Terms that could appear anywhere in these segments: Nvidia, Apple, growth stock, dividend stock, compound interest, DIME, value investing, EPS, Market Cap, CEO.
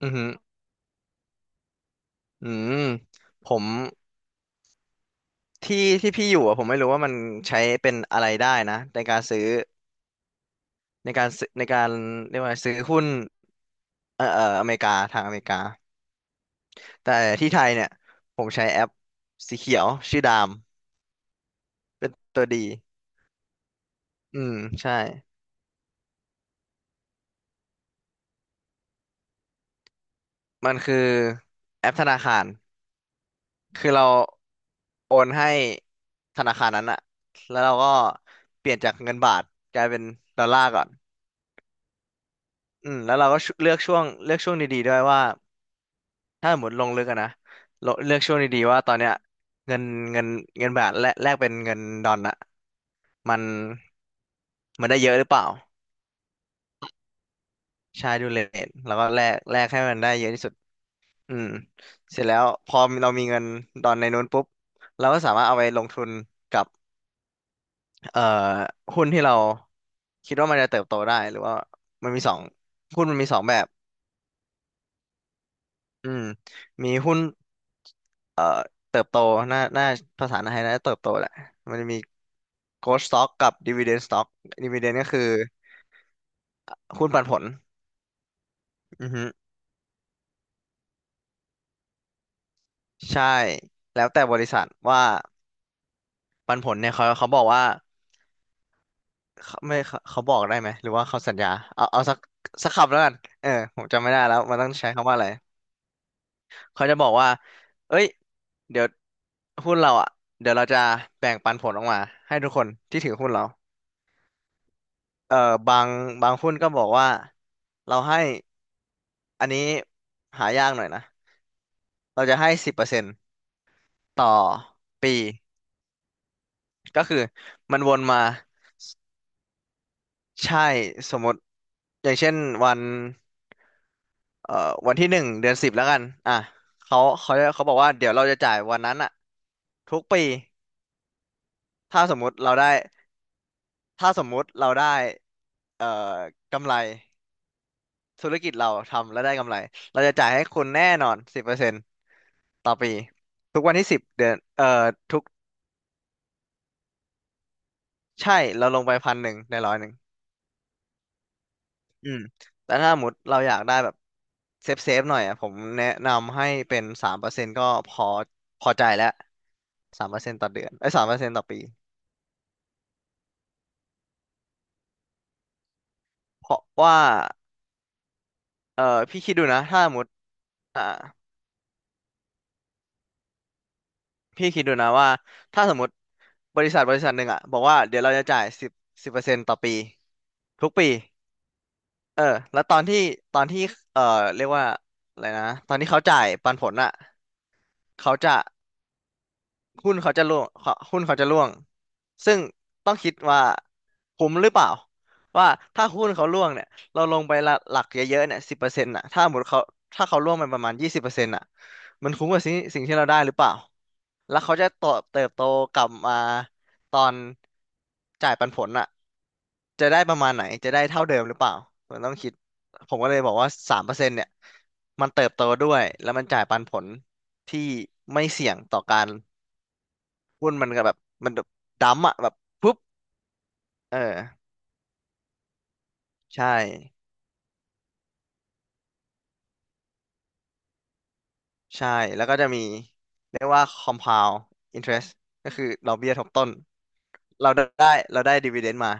อือหืออืมผมที่ที่พี่อยู่อะผมไม่รู้ว่ามันใช้เป็นอะไรได้นะในการเรียกว่าซื้อหุ้นอเมริกาทางอเมริกาแต่ที่ไทยเนี่ยผมใช้แอปสีเขียวชื่อดามเป็นตัวดีอืมใช่มันคือแอปธนาคารคือเราโอนให้ธนาคารนั้นอะแล้วเราก็เปลี่ยนจากเงินบาทกลายเป็นดอลลาร์ก่อนแล้วเราก็ชุเลือกช่วงเลือกช่วงดีๆด้วยว่า ถ้าสมมติลงลึกอะนะเลือกช่วงดีๆว่าตอนเนี้ยเงินเงินเงินบาทแลกเป็นเงินดอลลาร์อะมันมันได้เยอะหรือเปล่าใช่ดูเรทแล้วก็แลกให้มันได้เยอะที่สุดอืมเสร็จแล้วพอเรามีเงินดอนในนู้นปุ๊บเราก็สามารถเอาไปลงทุนกับเอ่อหุ้นที่เราคิดว่ามันจะเติบโตได้หรือว่ามันมีสองหุ้นมันมีสองแบบ อืมมีหุ้นเอ่อเติบโตหน่าหน่าภาษาไทยน่าจะเติบโตแหละมันจะมี growth stock กับ dividend stock dividend ก็คือหุ้นปันผลอือฮึใช่แล้วแต่บริษัทว่าปันผลเนี่ยเขาบอกว่าเขาบอกได้ไหมหรือว่าเขาสัญญาเอาสักคำแล้วกันเออผมจำไม่ได้แล้วมันต้องใช้คำว่าอะไรเขาจะบอกว่าเอ้ยเดี๋ยวหุ้นเราอ่ะเดี๋ยวเราจะแบ่งปันผลออกมาให้ทุกคนที่ถือหุ้นเรา เอ่อบางบางหุ้นก็บอกว่าเราให้อันนี้หายากหน่อยนะเราจะให้สิบเปอร์เซ็นต์ต่อปีก็คือมันวนมาใช่สมมติอย่างเช่นวันวันที่หนึ่งเดือนสิบแล้วกันอ่ะเขาบอกว่าเดี๋ยวเราจะจ่ายวันนั้นอะทุกปีถ้าสมมุติเราได้ถ้าสมมุติเราได้กำไรธุรกิจเราทำแล้วได้กำไรเราจะจ่ายให้คุณแน่นอนสิบเปอร์เซ็นต์ต่อปีทุกวันที่สิบเดือนทุก ใช่เราลงไปพันหนึ่งในร้อยหนึ่งอืมแต่ถ้าสมมติเราอยากได้แบบเซฟหน่อยอ่ะผมแนะนำให้เป็นสามเปอร์เซ็นต์ก็พอพอใจแล้วสามเปอร์เซ็นต์ต่อเดือนไอ้สามเปอร์เซ็นต์ต่อปีเพราะว่าเออพี่คิดดูนะถ้าสมมติอ่าพี่คิดดูนะว่าถ้าสมมติบริษัทบริษัทหนึ่งอ่ะบอกว่าเดี๋ยวเราจะจ่ายสิบเปอร์เซ็นต์ต่อปีทุกปีเออแล้วตอนที่เออเรียกว่าอะไรนะตอนที่เขาจ่ายปันผลอ่ะเขาจะ หุ้นเขาจะร่วงเขาหุ้นเขาจะร่วง ซึ่งต้องคิดว่าคุ้มหรือเปล่า ว่าถ้าหุ้นเขาร่วงเนี่ยเราลงไปละหลักเยอะๆเนี่ยสิบเปอร์เซ็นต์่ะถ้าหมดเขาถ้าเขาร่วงไปประมาณยี่สิบเปอร์เซ็นต์่ะมันคุ้มกับสิ่งที่เราได้หรือเปล่าแล้วเขาจะเติบโตกลับมาตอนจ่ายปันผลอ่ะจะได้ประมาณไหน จะได้เท่าเดิมหรือเปล่ามันต้องคิดผมก็เลยบอกว่าสามเปอร์เซ็นต์เนี่ยมันเติบโตด้วยแล้วมันจ่ายปันผลที่ไม่เสี่ยงต่อการ หุ้นมันก็แบบมันแบบดั้มป์อะแบบปุ๊บเออใช่ใช่แล้วก็จะมีเรียกว่า compound interest ก็คือดอกเบี้ยทบต้นเราได้เราได้ dividend มา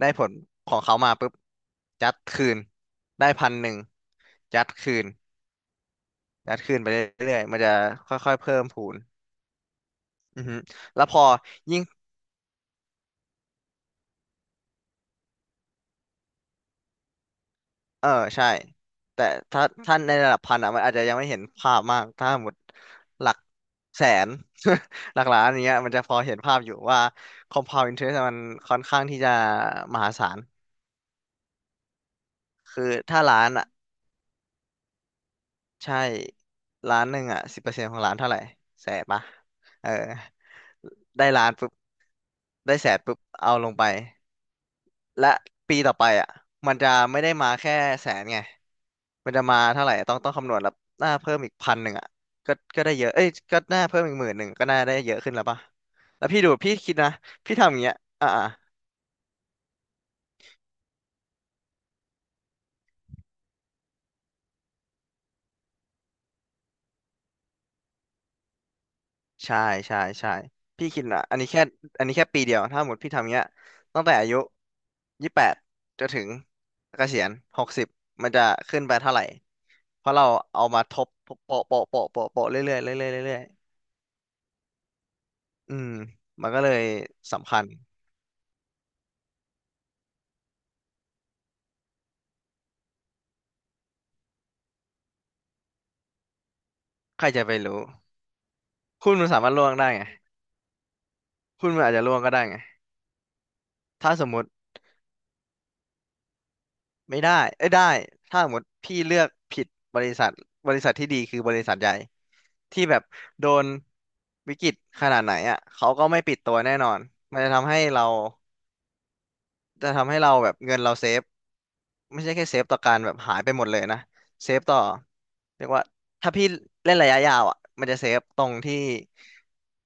ได้ผลของเขามาปุ๊บยัดคืนได้พันหนึ่งยัดคืนยัดคืนไปเรื่อยๆมันจะค่อยๆเพิ่มพูนอือฮึแล้วพอยิ่ง เออใช่แต่ถ้าในระดับพันอ่ะมันอาจจะยังไม่เห็นภาพมากถ้าหมดหลักแสน หลักล้านอย่างเงี้ยมันจะพอเห็นภาพอยู่ว่า compound interest มันค่อนข้างที่จะมหาศาลคือถ้าล้านอ่ะใช่ล้านหนึ่งอ่ะสิบเปอร์เซ็นต์ของล้านเท่าไหร่แสนปะเออได้ล้านปุ๊บได้แสนปุ๊บเอาลงไปและปีต่อไปอ่ะมันจะไม่ได้มาแค่แสนไง มันจะมาเท่าไหร่ต้องคำนวณแล้วหน้าเพิ่มอีกพันหนึ่งอ่ะก็ได้เยอะเอ้ยก็หน้าเพิ่มอีกหมื่นหนึ่งก็น่าได้เยอะขึ้นแล้วป่ะแล้วพี่ดูพี่คิดนะพี่ทำอย่างเงี้ยอ่าอ่าใช่ใช่ใช่พี่คิดนะอันนี้แค่อันนี้แค่ปีเดียวถ้าหมดพี่ทำอย่างเงี้ยตั้งแต่อายุยี่สิบแปดจนถึงเกษียณหกสิบมันจะขึ้นไปเท่าไหร่เพราะเราเอามาทบโปะโปะโปะโปะโปะเรื่อยเรื่อยเรื่อยเรื่อยเรื่อยๆอืมมันก็เลยสำคัญใครจะไปรู้หุ้นมันสามารถล่วงได้ไง หุ้นมันอาจจะร่วงก็ได้ไงถ้าสมมติไม่ได้เอ้ยได้ถ้าสมมติพี่เลือกผิดบริษัทบริษัทที่ดีคือบริษัทใหญ่ที่แบบโดนวิกฤตขนาดไหนอ่ะเขาก็ไม่ปิดตัวแน่นอนมันจะทำให้เราจะทำให้เราแบบเงินเราเซฟไม่ใช่แค่เซฟต่อการแบบหายไปหมดเลยนะเซฟต่อเรียกว่าถ้าพี่เล่นระยะยาวอ่ะมันจะเซฟตรงที่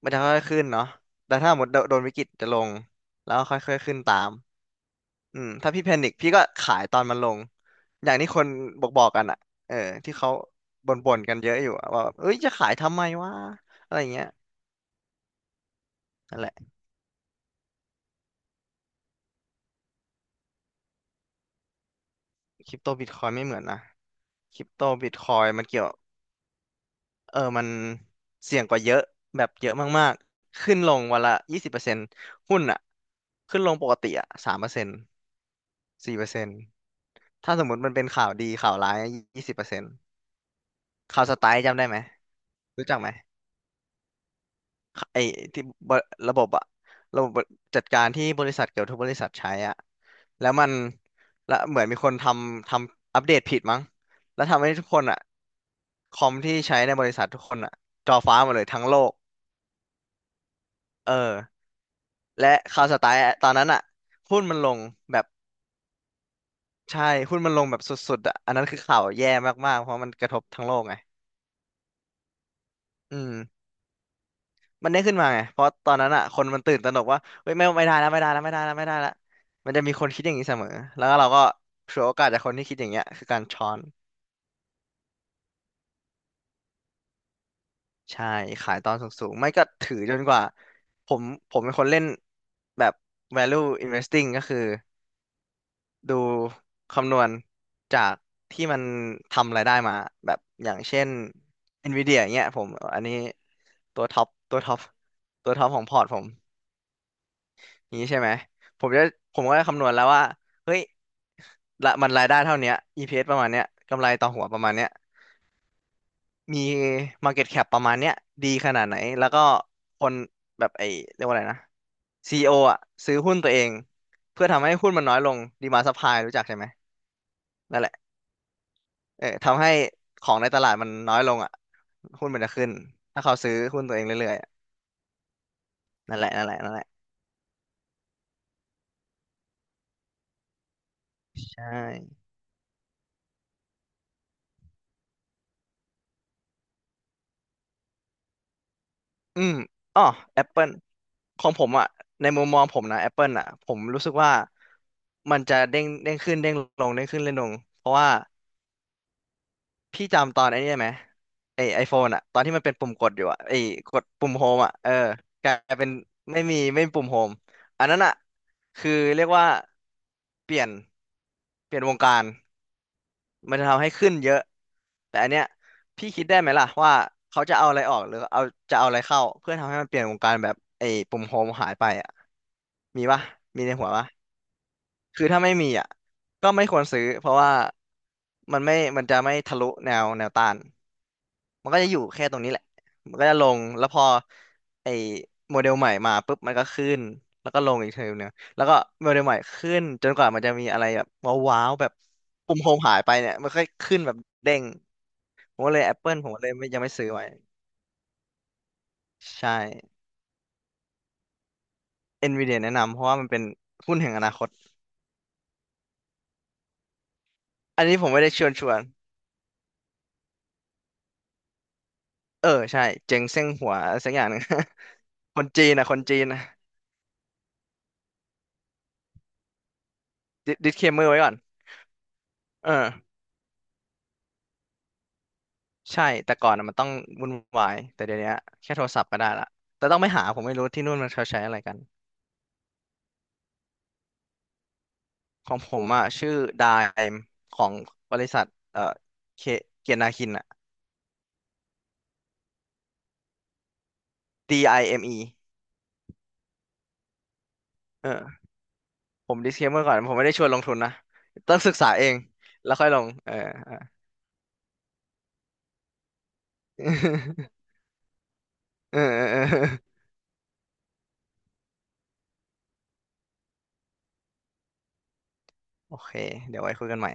มันจะค่อยๆขึ้นเนาะแต่ถ้าหมดโดนวิกฤตจะลงแล้วค่อยๆขึ้นตาม อืมถ้าพี่แพนิคพี่ก็ขายตอนมันลงอย่างที่คนบอกกันอ่ะเออที่เขาบ่นๆกันเยอะอยู่อะว่าแบบเอ้ยจะขายทำไมวะอะไรเงี้ยนั่นแหละคริปโตบิตคอยไม่เหมือนนะคริปโตบิตคอยมันเกี่ยวเออมันเสี่ยงกว่าเยอะแบบเยอะมากๆขึ้นลงวันละยี่สิบเปอร์เซ็นต์หุ้นอ่ะขึ้นลงปกติอ่ะสามเปอร์เซ็นต์สี่เปอร์เซ็นต์ถ้าสมมติมันเป็นข่าวดีข่าวร้ายยี่สิบเปอร์เซ็นต์ข่าวสไตล์จำได้ไหมรู้จักไหม ไอ้ที่บระบบอะระบบจัดการที่บริษัทเกือบทุกบริษัทใช้อะแล้วมันแล้วเหมือนมีคนทำอัปเดตผิดมั้งแล้วทำให้ทุกคนอะคอมที่ใช้ในบริษัททุกคนอะจอฟ้าหมดเลยทั้งโลกเออและข่าวสไตล์ตอนนั้นอะหุ้นมันลงแบบใช่หุ้นมันลงแบบสุดๆอะอันนั้นคือข่าวแย่มากๆเพราะมันกระทบทั้งโลกไงอืม มันได้ขึ้นมาไงเพราะตอนนั้นอ่ะคนมันตื่นตระหนกว่าเฮ้ยไม่ไม่ได้แล้วไม่ได้แล้วไม่ได้แล้วไม่ได้แล้วมันจะมีคนคิดอย่างนี้เสมอแล้วก็เราก็ฉวยโอกาสจากคนที่คิดอย่างเงี้ยคือการช้อนใช่ขายตอนสูงๆไม่ก็ถือจนกว่าผมผมเป็นคนเล่นแบบ value investing ก็คือดูคำนวณจากที่มันทำรายได้มาแบบอย่างเช่น Nvidia อย่างเงี้ยผมอันนี้ตัวท็อปตัวท็อปตัวท็อปของพอร์ตผม นี้ใช่ไหมผมจะผมก็จะคำนวณแล้วว่า เฮ้ยละมันรายได้เท่าเนี้ย EPS ประมาณเนี้ยกำไรต่อหัวประมาณเนี้ยมี Market Cap ประมาณเนี้ยดีขนาดไหน แล้วก็คนแบบไอ้เรียกว่าอะไรนะ CEO อโออ่ะซื้อหุ้นตัวเองเพื่อทำให้หุ้นมันน้อยลงดีมา d ์ซัพพลายรู้จักใช่ไหมนั่นแหละเออทำให้ของในตลาดมันน้อยลงอ่ะหุ้นมันจะขึ้น ถ้าเขาซื้อหุ้นตัวเองเรื่อยๆอะนั่นแหละใช่ อืมอ๋อ Apple ของผมอ่ะในมุมมองผมนะ Apple อ่ะผมรู้สึกว่ามันจะเด้งเด้งขึ้นเด้งลงเด้งขึ้นเด้งลงเพราะว่าพี่จำตอนไอ้นี่ไหมไอไอโฟนอ่ะตอนที่มันเป็นปุ่มกดอยู่อ่ะไอกดปุ่มโฮมอ่ะเออกลายเป็นไม่มีปุ่มโฮมอันนั้นอ่ะคือเรียกว่าเปลี่ยนเปลี่ยนวงการ มันจะทำให้ขึ้นเยอะ แต่อันเนี้ยพี่คิดได้ไหมล่ะว่าเขาจะเอาอะไรออกหรือเอาจะเอาอะไรเข้าเพื่อทำให้มันเปลี่ยนวงการแบบไอ้ปุ่มโฮมหายไปอ่ะมีปะมีในหัวปะคือถ้าไม่มีอ่ะก็ไม่ควรซื้อเพราะว่ามันไม่มันจะไม่ทะลุแนวต้าน มันก็จะอยู่แค่ตรงนี้แหละ มันก็จะลงแล้วพอไอ้โมเดลใหม่มาปุ๊บมันก็ขึ้น แล้วก็ลงอีกเทอมหนึงแล้วก็โมเดลใหม่ขึ้นจนกว่ามันจะมีอะไรแบบว้าวๆแบบปุ่มโฮมหายไปเนี่ยมันค่อยขึ้นแบบเด้ง ผมก็เลย Apple ผมก็เลยไม่ยังไม่ซื้อไว้ ใช่ Nvidia แนะนำเพราะว่ามันเป็นหุ้นแห่งอนาคต อันนี้ผมไม่ได้ชวนเออใช่เจ๊งเส้งหัวสักอย่างหนึ่ง คนจีนนะดิสเคมเมอร์ไว้ก่อนเออ ใช่ แต่ก่อนน่ะมันต้องวุ่นวาย แต่เดี๋ยวนี้แค่โทรศัพท์ก็ได้ละแต่ต้องไปหา ผมไม่รู้ที่นู่นมันเขาใช้อะไรกัน ของผมอ่ะชื่อดไอเอ็มของบริษัทเอ่อเคเกียรตินาคินอ่ะ DIME เอมอเออผม disclaimer ก่อนผมไม่ได้ชวนลงทุนนะต้องศึกษาเองแล้วค่อยลงเออเออเออโอเคเดี๋ยวไว้คุยกันใหม่